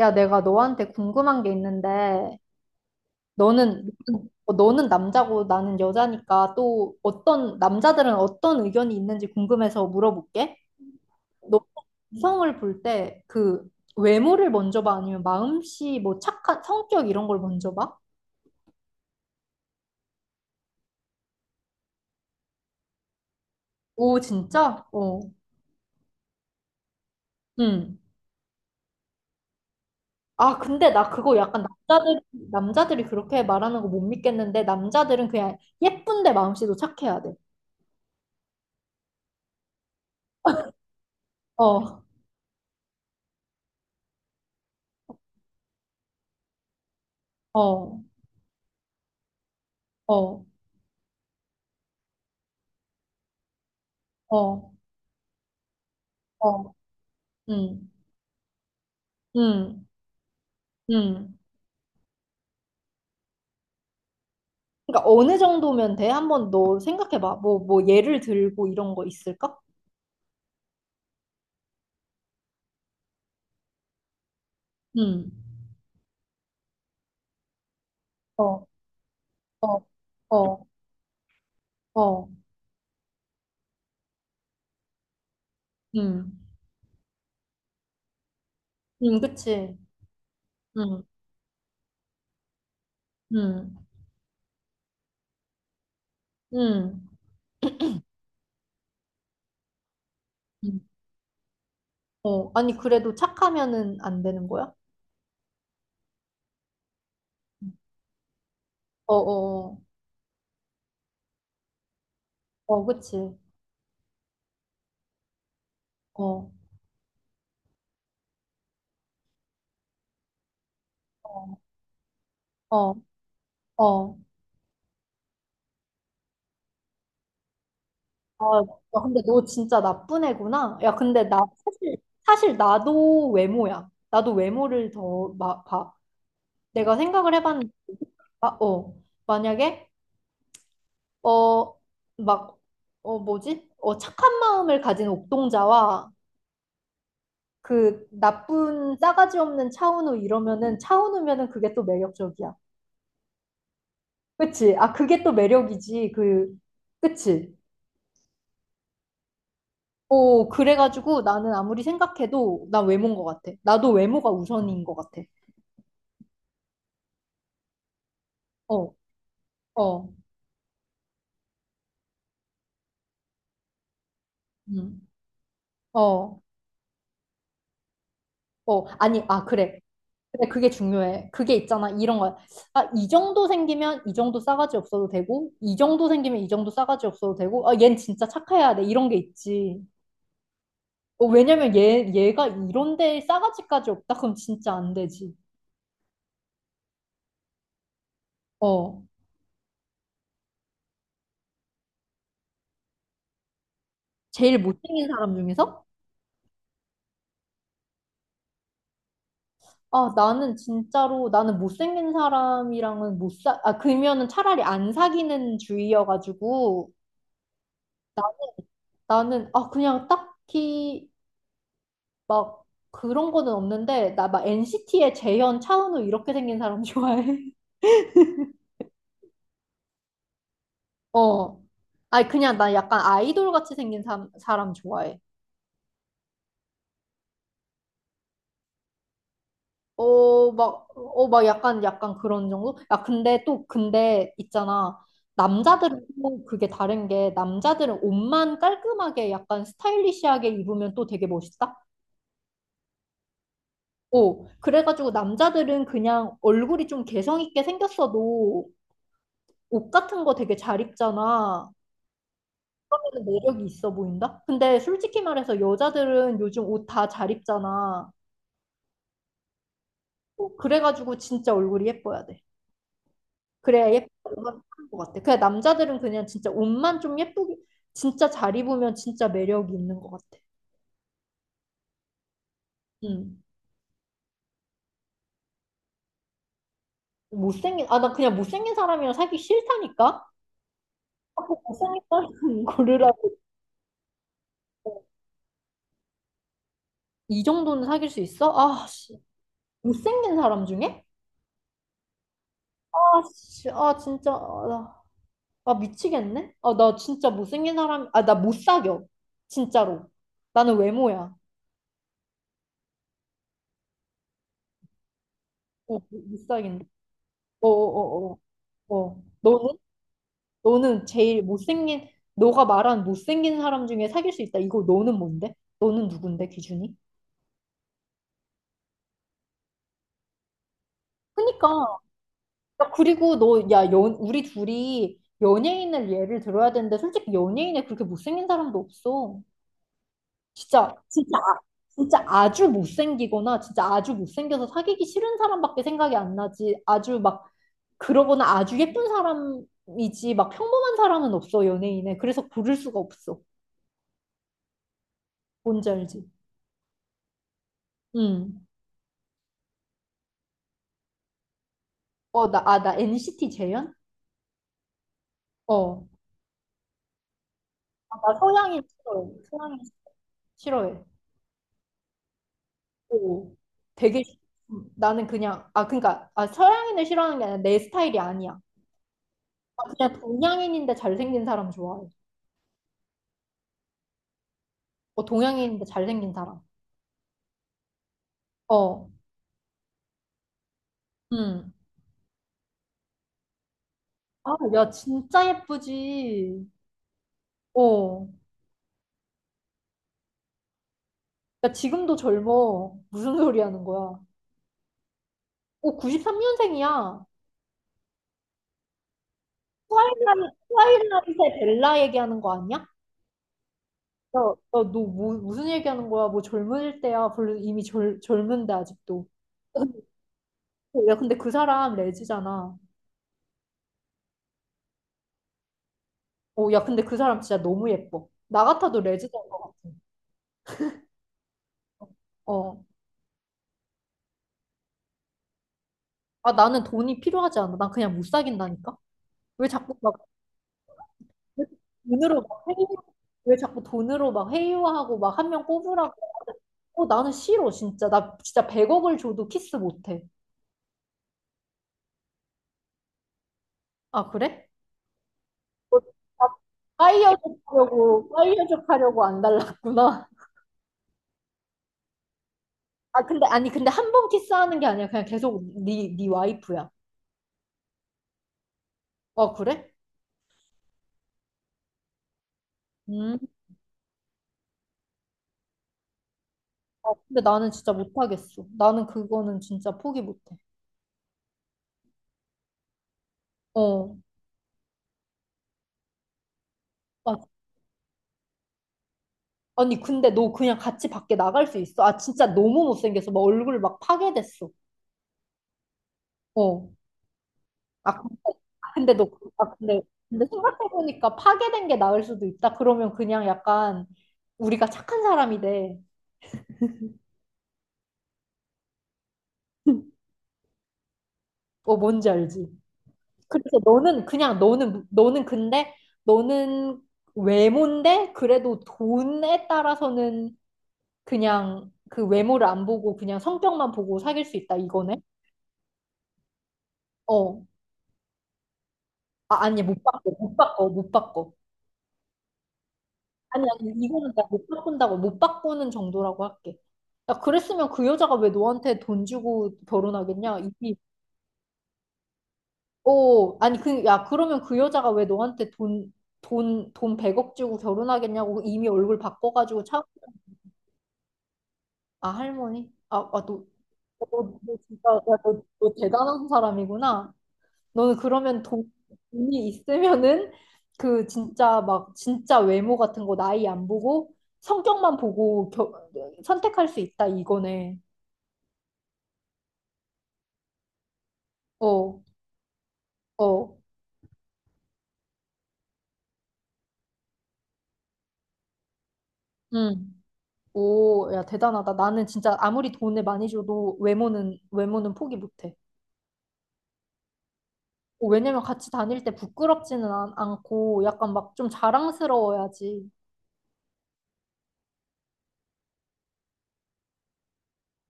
야, 내가 너한테 궁금한 게 있는데, 너는, 어, 너는 남자고 나는 여자니까 또 어떤, 남자들은 어떤 의견이 있는지 궁금해서 물어볼게. 너 이성을 볼 때 그 외모를 먼저 봐? 아니면 마음씨, 뭐 착한 성격 이런 걸 먼저 봐? 오, 진짜? 어. 응. 아, 근데 나 그거 약간 남자들이 그렇게 말하는 거 못 믿겠는데, 남자들은 그냥 예쁜데 마음씨도 착해야 돼. 어, 어, 어, 어, 어. 응 응 응 그러니까 어느 정도면 돼? 한번 너 생각해봐. 뭐 예를 들고 이런 거 있을까? 응 어, 어, 어, 어, 응 응 그치. 음, 응응 응 어, 아니, 그래도 착하면은 안 되는 거야? 어, 어, 어, 어, 그치. 어, 어, 어, 어. 아, 야, 근데 너 진짜 나쁜 애구나. 야, 근데 나 사실, 사실 나도 외모야. 나도 외모를 더 봐. 내가 생각을 해봤는데, 아, 어, 만약에, 어, 막, 어, 뭐지? 어, 착한 마음을 가진 옥동자와 그 나쁜 싸가지 없는 차은우 이러면은 차은우면은 그게 또 매력적이야. 그치? 아, 그게 또 매력이지. 그, 그치? 어, 그래가지고 나는 아무리 생각해도 난 외모인 것 같아. 나도 외모가 우선인 것 같아. 어, 어, 음, 어, 어. 아니, 아, 그래. 근데 그게 중요해. 그게 있잖아. 이런 거야. 아, 이 정도 생기면 이 정도 싸가지 없어도 되고, 이 정도 생기면 이 정도 싸가지 없어도 되고, 아, 얜 진짜 착해야 돼. 이런 게 있지. 어, 왜냐면 얘가 이런데 싸가지까지 없다? 그럼 진짜 안 되지. 어. 제일 못생긴 사람 중에서? 아, 나는 진짜로, 나는 못생긴 사람이랑은 못 사, 아, 그러면은 차라리 안 사귀는 주의여가지고, 나, 아, 그냥 딱히 막 그런 거는 없는데 나 막 NCT의 재현, 차은우 이렇게 생긴 사람 좋아해. 어. 아니 그냥 나 약간 아이돌 같이 생긴 사람 좋아해. 어, 막, 어, 막 약간, 약간 그런 정도? 야, 근데 또, 근데 있잖아. 남자들은 또 그게 다른 게, 남자들은 옷만 깔끔하게 약간 스타일리시하게 입으면 또 되게 멋있다? 어, 그래가지고 남자들은 그냥 얼굴이 좀 개성 있게 생겼어도 옷 같은 거 되게 잘 입잖아. 하는 매력이 있어 보인다? 근데 솔직히 말해서 여자들은 요즘 옷 다 잘 입잖아. 어, 그래가지고 진짜 얼굴이 예뻐야 돼. 그래야 예쁜 것 같아. 그냥 남자들은 그냥 진짜 옷만 좀 예쁘게, 진짜 잘 입으면 진짜 매력이 있는 것 같아. 음. 못생긴, 아, 나 그냥 못생긴 사람이랑 사기 싫다니까? 못생긴 사람 고르라고. 이 정도는 사귈 수 있어? 아, 씨. 못생긴 사람 중에? 아, 씨. 아, 진짜. 아, 나. 아, 미치겠네? 아, 나 진짜 못생긴 사람, 아, 나 못 사겨. 진짜로. 나는 외모야. 어, 못 사귄다. 어어어어. 어, 어, 어, 어. 어. 너는? 너는 제일 못생긴, 너가 말한 못생긴 사람 중에 사귈 수 있다. 이거 너는 뭔데? 너는 누군데, 기준이? 그니까. 야, 그리고 야, 우리 둘이 연예인을 예를 들어야 되는데, 솔직히 연예인에 그렇게 못생긴 사람도 없어. 진짜 진짜 아주 못생기거나 진짜 아주 못생겨서 사귀기 싫은 사람밖에 생각이 안 나지. 아주 막 그러거나 아주 예쁜 사람이지 막 평범한 사람은 없어 연예인에. 그래서 고를 수가 없어. 뭔지 알지? 응. 어, 나, 아, 나 NCT 재현? 어. 아, 나 서양인 싫어해. 서양인 싫어해. 오. 되게 싫- 나는 그냥 아 그러니까 아 서양인을 싫어하는 게 아니라 내 스타일이 아니야. 나 그냥 동양인인데 잘생긴 사람 좋아해. 어 동양인인데 잘생긴 사람. 어. 음. 아, 야, 진짜 예쁘지. 어. 야, 지금도 젊어. 무슨 소리 하는 거야? 오, 93년생이야. 트와일라이트의 벨라 얘기하는 거 아니야? 야, 야, 무슨 얘기하는 거야? 뭐 젊을 때야. 별로 이미 젊은데, 아직도. 야, 근데 그 사람 레즈잖아. 어, 야, 근데 그 사람 진짜 너무 예뻐. 나 같아도 레즈인 것 같아. 어. 아, 나는 돈이 필요하지 않아. 난 그냥 못 사귄다니까? 왜 자꾸 왜 돈으로 막 회유, 왜 자꾸 돈으로 막 회유하고 막 한 명 뽑으라고 어, 나는 싫어, 진짜. 나 진짜 100억을 줘도 키스 못해. 아, 그래? 어, 나 파이어족 하려고 안 달랐구나. 아, 근데, 아니, 근데 한 번 키스하는 게 아니라 그냥 계속 네 와이프야. 아, 그래? 음. 아, 근데 나는 진짜 못하겠어. 나는 그거는 진짜 포기 못해. 어. 아, 아니, 근데 너 그냥 같이 밖에 나갈 수 있어? 아, 진짜 너무 못생겨서 막 얼굴 막 파괴됐어. 어. 아, 근데, 아, 아, 근데, 근데 생각해보니까 파괴된 게 나을 수도 있다. 그러면 그냥 약간 우리가 착한 사람이 돼. 어, 뭔지 알지? 그래서 너는 그냥 너는 근데 너는 외모인데 그래도 돈에 따라서는 그냥 그 외모를 안 보고 그냥 성격만 보고 사귈 수 있다. 이거네? 어. 아, 아니, 못 바꿔. 못 바꿔. 못 바꿔. 아니, 아니, 이거는 나 못 바꾼다고, 못 바꾸는 정도라고 할게. 야, 그랬으면 그 여자가 왜 너한테 돈 주고 결혼하겠냐? 이게, 어, 아니, 그, 야, 그러면 그 여자가 왜 너한테 돈 100억 주고 결혼하겠냐고 이미 얼굴 바꿔가지고 차, 아, 할머니? 아, 아, 너, 너, 너 진짜, 야, 너 대단한 사람이구나. 너는 그러면 돈, 돈이 있으면은 그 진짜 막 진짜 외모 같은 거 나이 안 보고 성격만 보고 겨, 선택할 수 있다 이거네. 어, 어, 응. 오, 야 대단하다. 나는 진짜 아무리 돈을 많이 줘도 외모는 포기 못해. 어, 왜냐면 같이 다닐 때 부끄럽지는 않, 않고 약간 막 좀 자랑스러워야지.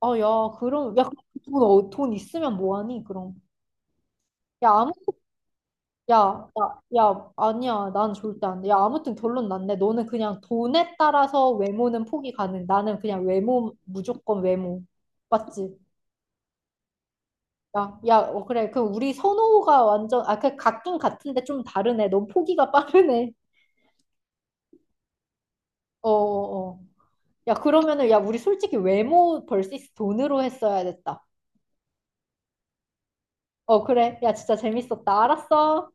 아, 야, 돈, 어, 돈 있으면 뭐하니 그럼. 야, 아무 야, 야, 아니야. 난 절대 안 돼. 야, 아무튼 결론 났네. 너는 그냥 돈에 따라서 외모는 포기 가능. 나는 그냥 외모, 무조건 외모. 맞지? 야, 야, 어, 그래. 그 우리 선호가 완전, 아, 그 같긴 같은데 좀 다르네. 넌 포기가 빠르네. 어, 어, 어. 야, 그러면은, 야, 우리 솔직히 외모 벌스 돈으로 했어야 됐다. 어, 그래. 야, 진짜 재밌었다. 알았어.